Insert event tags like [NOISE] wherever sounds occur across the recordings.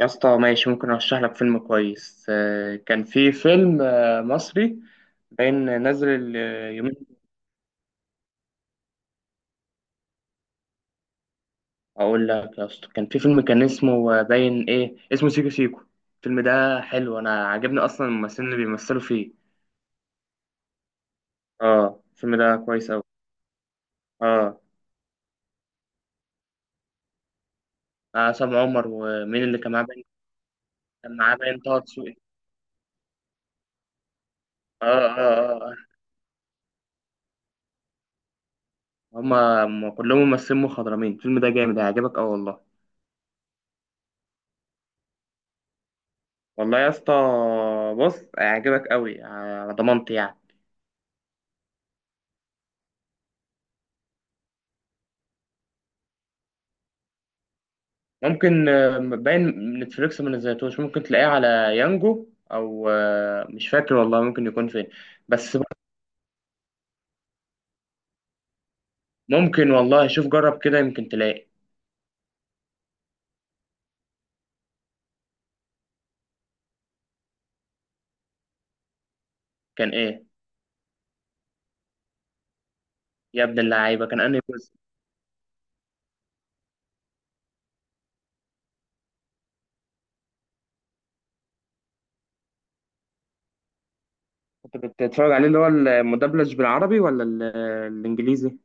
يا اسطى ماشي. ممكن ارشح لك فيلم كويس. كان في فيلم مصري باين نازل اليومين. اقول لك يا اسطى، كان في فيلم كان اسمه باين ايه اسمه سيكو سيكو. الفيلم ده حلو، انا عجبني اصلا الممثلين اللي بيمثلوا فيه. اه الفيلم ده كويس اوي. اه. عصام عمر ومين اللي كان معاه باين؟ كان معاه باين طه دسوقي. اه اه اه. هما هما كلهم ممثلين مخضرمين، الفيلم ده جامد هيعجبك اوي والله. والله يا اسطى، بص هيعجبك اوي على ضمانتي يعني. ممكن باين نتفليكس ما نزلتوش، ممكن تلاقيه على يانجو، او مش فاكر والله ممكن يكون فين. بس ممكن والله، شوف جرب كده يمكن تلاقي. كان ايه؟ يا ابن اللعيبه كان انهي جزء؟ كنت بتتفرج عليه اللي هو المدبلج بالعربي ولا الانجليزي؟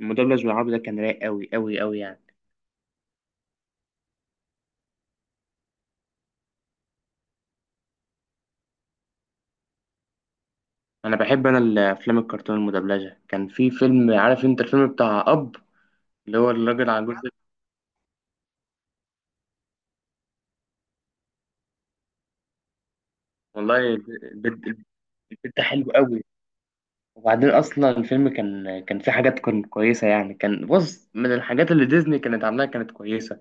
المدبلج بالعربي ده كان رايق قوي قوي قوي يعني. انا بحب انا الافلام الكرتون المدبلجه. كان في فيلم عارف انت، الفيلم بتاع اب، اللي هو الراجل على الجزء. والله البيت البيت ده حلو قوي. وبعدين اصلا الفيلم كان فيه حاجات كانت كويسه يعني. كان بص، من الحاجات اللي ديزني كانت عاملاها كانت كويسه.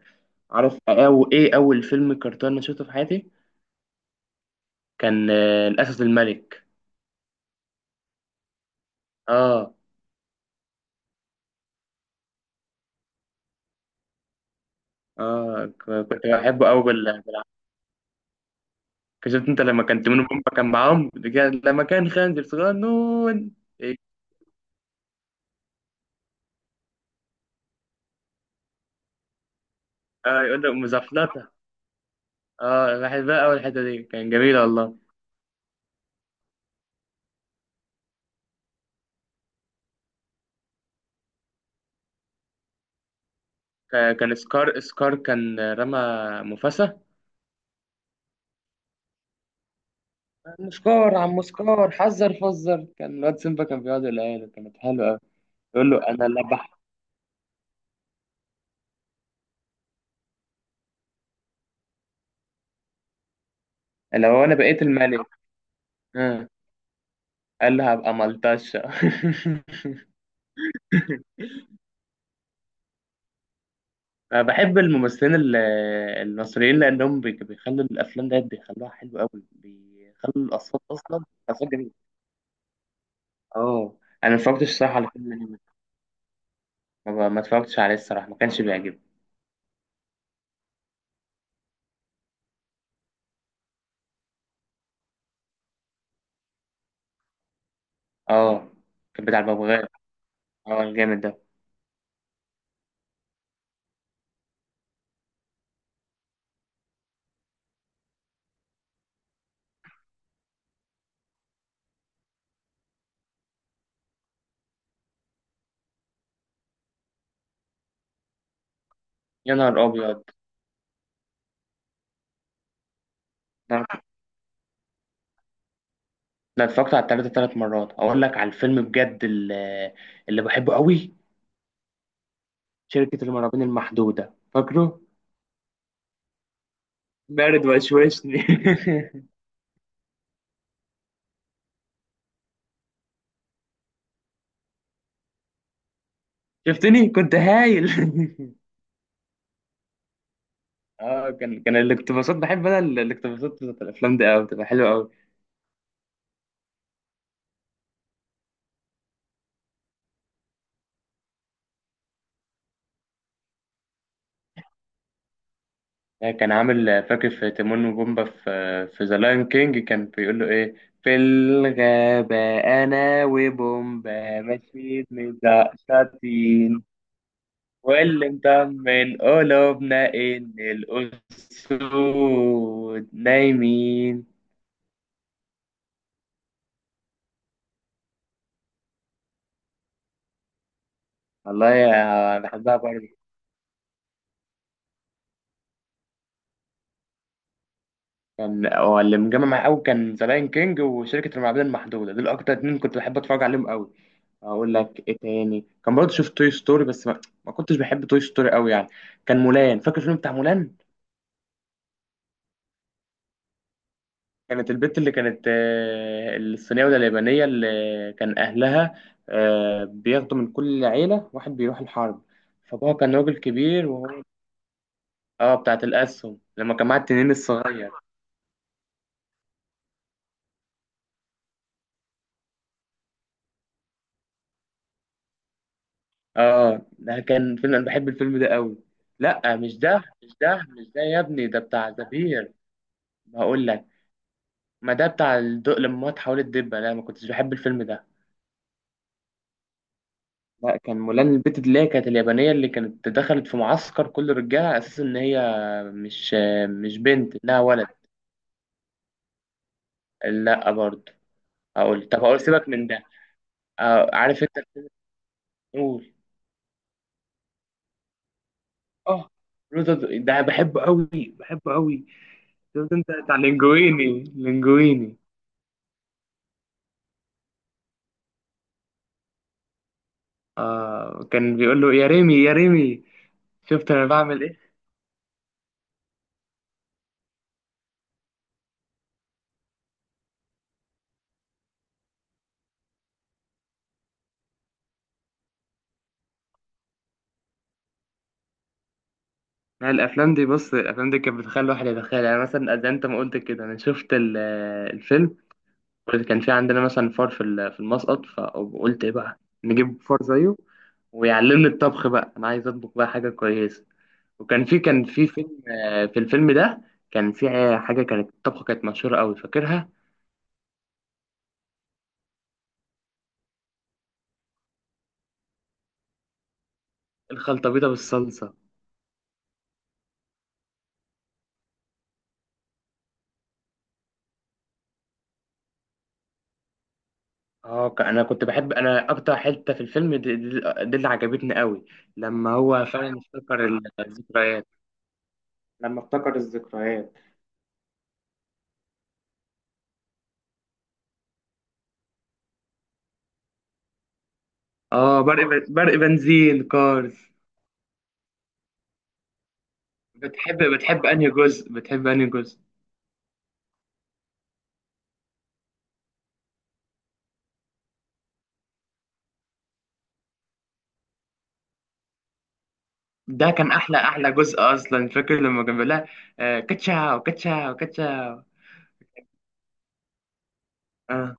عارف او ايه اول فيلم كرتون انا شفته في حياتي؟ كان الاسد الملك. اه. اه، كنت بحبه قوي شفت انت لما كان تيمون وبومبا كان معاهم لما كان خنزير صغنون. إيه. اه يقول له مزفلطه. اه بحبها، اول الحته دي كان جميله والله. كان سكار كان رمى مفاسة. عم سكار عم سكار حذر فزر، كان الواد سيمبا كان بيقعد يقولها له، كانت حلوه قوي. يقول له انا اللي لو انا بقيت الملك. آه. قال له هبقى ملطشه. [LAUGHS] انا بحب الممثلين المصريين لانهم بيخلوا الافلام ديت بيخلوها حلوه قوي، بيخلوا الاصوات اصلا اصوات جميله. اه. انا ما اتفرجتش الصراحه على فيلم الانمي. ما اتفرجتش عليه الصراحه، ما كانش بيعجبني. اه كان بتاع الببغاء، اه الجامد ده. يا نهار ابيض. لا اتفرجت على التلاتة تلات مرات. اقول لك على الفيلم بجد اللي بحبه قوي، شركة المرابين المحدودة فاكره؟ برد وشوشني. [LAUGHS] شفتني كنت هايل. [LAUGHS] اه كان الاقتباسات بحب انا الاقتباسات بتاعت الافلام دي قوي بتبقى حلوه قوي. كان عامل فاكر في تيمون وبومبا في ذا لاين كينج كان بيقول له ايه في الغابة؟ أنا وبومبا ماشيين مزقشطين، واللي مطمن قلوبنا إن الأسود نايمين. والله يا بحبها برضه. كان هو اللي مجمع معايا أوي، كان ذا لاين كينج وشركة المعابد المحدودة، دول أكتر اتنين كنت بحب أتفرج عليهم أوي. أقول لك إيه تاني كان برضه؟ شفت توي ستوري بس ما كنتش بحب توي ستوري أوي يعني. كان مولان، فاكر الفيلم بتاع مولان؟ كانت البت اللي كانت الصينية ولا اليابانية اللي كان أهلها بياخدوا من كل عيلة واحد بيروح الحرب، فأبوها كان راجل كبير وهو. اه بتاعت الأسهم، لما كان معاه التنين الصغير. اه، ده كان فيلم أنا بحب الفيلم ده قوي. لا مش ده مش ده مش ده، يا ابني ده بتاع زبير. بقول لك، ما ده بتاع الدق لما هو اتحولت دبة، لا ما كنتش بحب الفيلم ده. لا كان مولان، البت اللي هي كانت اليابانية اللي كانت دخلت في معسكر كل رجالة على أساس إن هي مش مش بنت، إنها ولد. لا برضه. أقول طب أقول سيبك من ده. عارف أنت؟ بتقول. آه لوتو ده بحبه قوي بحبه قوي. شفت أنت بتاع لينجويني لينجويني. آه كان بيقول له يا ريمي يا ريمي. شفت أنا بعمل إيه؟ لا الأفلام دي بص، الأفلام دي كانت بتخلي الواحد يتخيل يعني مثلا، زي أنت ما قلت كده أنا شفت الفيلم. كان في عندنا مثلا فار في في المسقط، فقلت ايه بقى؟ نجيب فار زيه ويعلمني الطبخ بقى، انا عايز اطبخ بقى حاجه كويسه. وكان في كان في فيلم، في الفيلم ده كان في حاجه كانت الطبخه كانت مشهوره قوي فاكرها؟ الخلطه بيضه بالصلصه. اه انا كنت بحب انا اكتر حته في الفيلم دي اللي عجبتني قوي، لما هو فعلا افتكر الذكريات، لما افتكر الذكريات. اه برق بنزين كارز. بتحب انهي جزء؟ بتحب انهي جزء؟ ده كان احلى احلى جزء اصلا، فاكر لما كان بيقول لها كاتشاو كاتشاو كاتشاو. آه.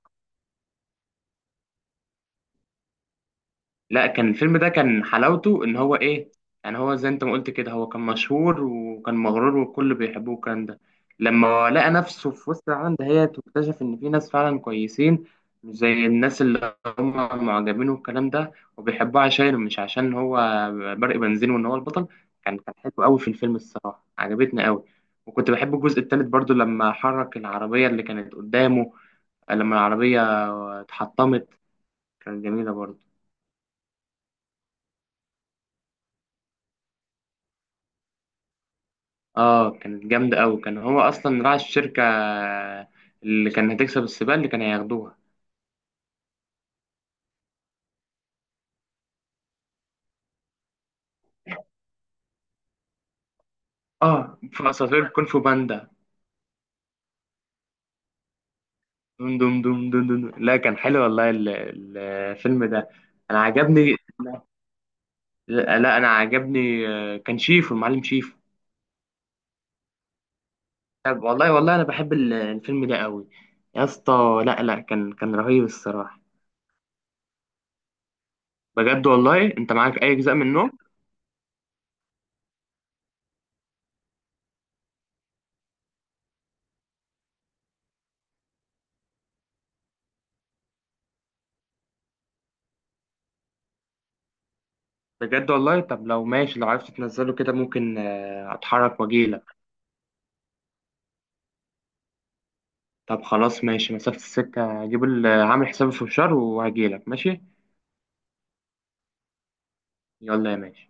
لا كان الفيلم ده كان حلاوته ان هو ايه يعني، هو زي انت ما قلت كده، هو كان مشهور وكان مغرور والكل بيحبوه الكلام ده. لما لقى نفسه في وسط العالم دهيت واكتشف ان في ناس فعلا كويسين، مش زي الناس اللي هم معجبين والكلام ده، وبيحبوه عشان مش عشان هو برق بنزين وان هو البطل. كان حلو قوي في الفيلم الصراحه، عجبتني قوي. وكنت بحب الجزء التالت برضو، لما حرك العربيه اللي كانت قدامه، لما العربيه اتحطمت. كانت جميله برضو. اه، كانت جامدة أوي، كان هو أصلا راعي الشركة اللي كان هتكسب السباق اللي كانوا هياخدوها. اه في أساطير كونغ فو باندا. دم دم دم دم دم دم. لا كان حلو والله الفيلم ده، أنا عجبني. لا لا، أنا عجبني. كان شيفو المعلم شيفو. طب والله والله أنا بحب الفيلم ده أوي، يا اسطى. لا لا كان رهيب الصراحة. بجد والله أنت معاك أي أجزاء منه؟ بجد والله، طب لو ماشي، لو عرفت تنزله كده ممكن أتحرك وأجيلك. طب خلاص ماشي، مسافة السكة هجيب عامل حسابي في الشر وهجيلك ماشي. يلا يا ماشي.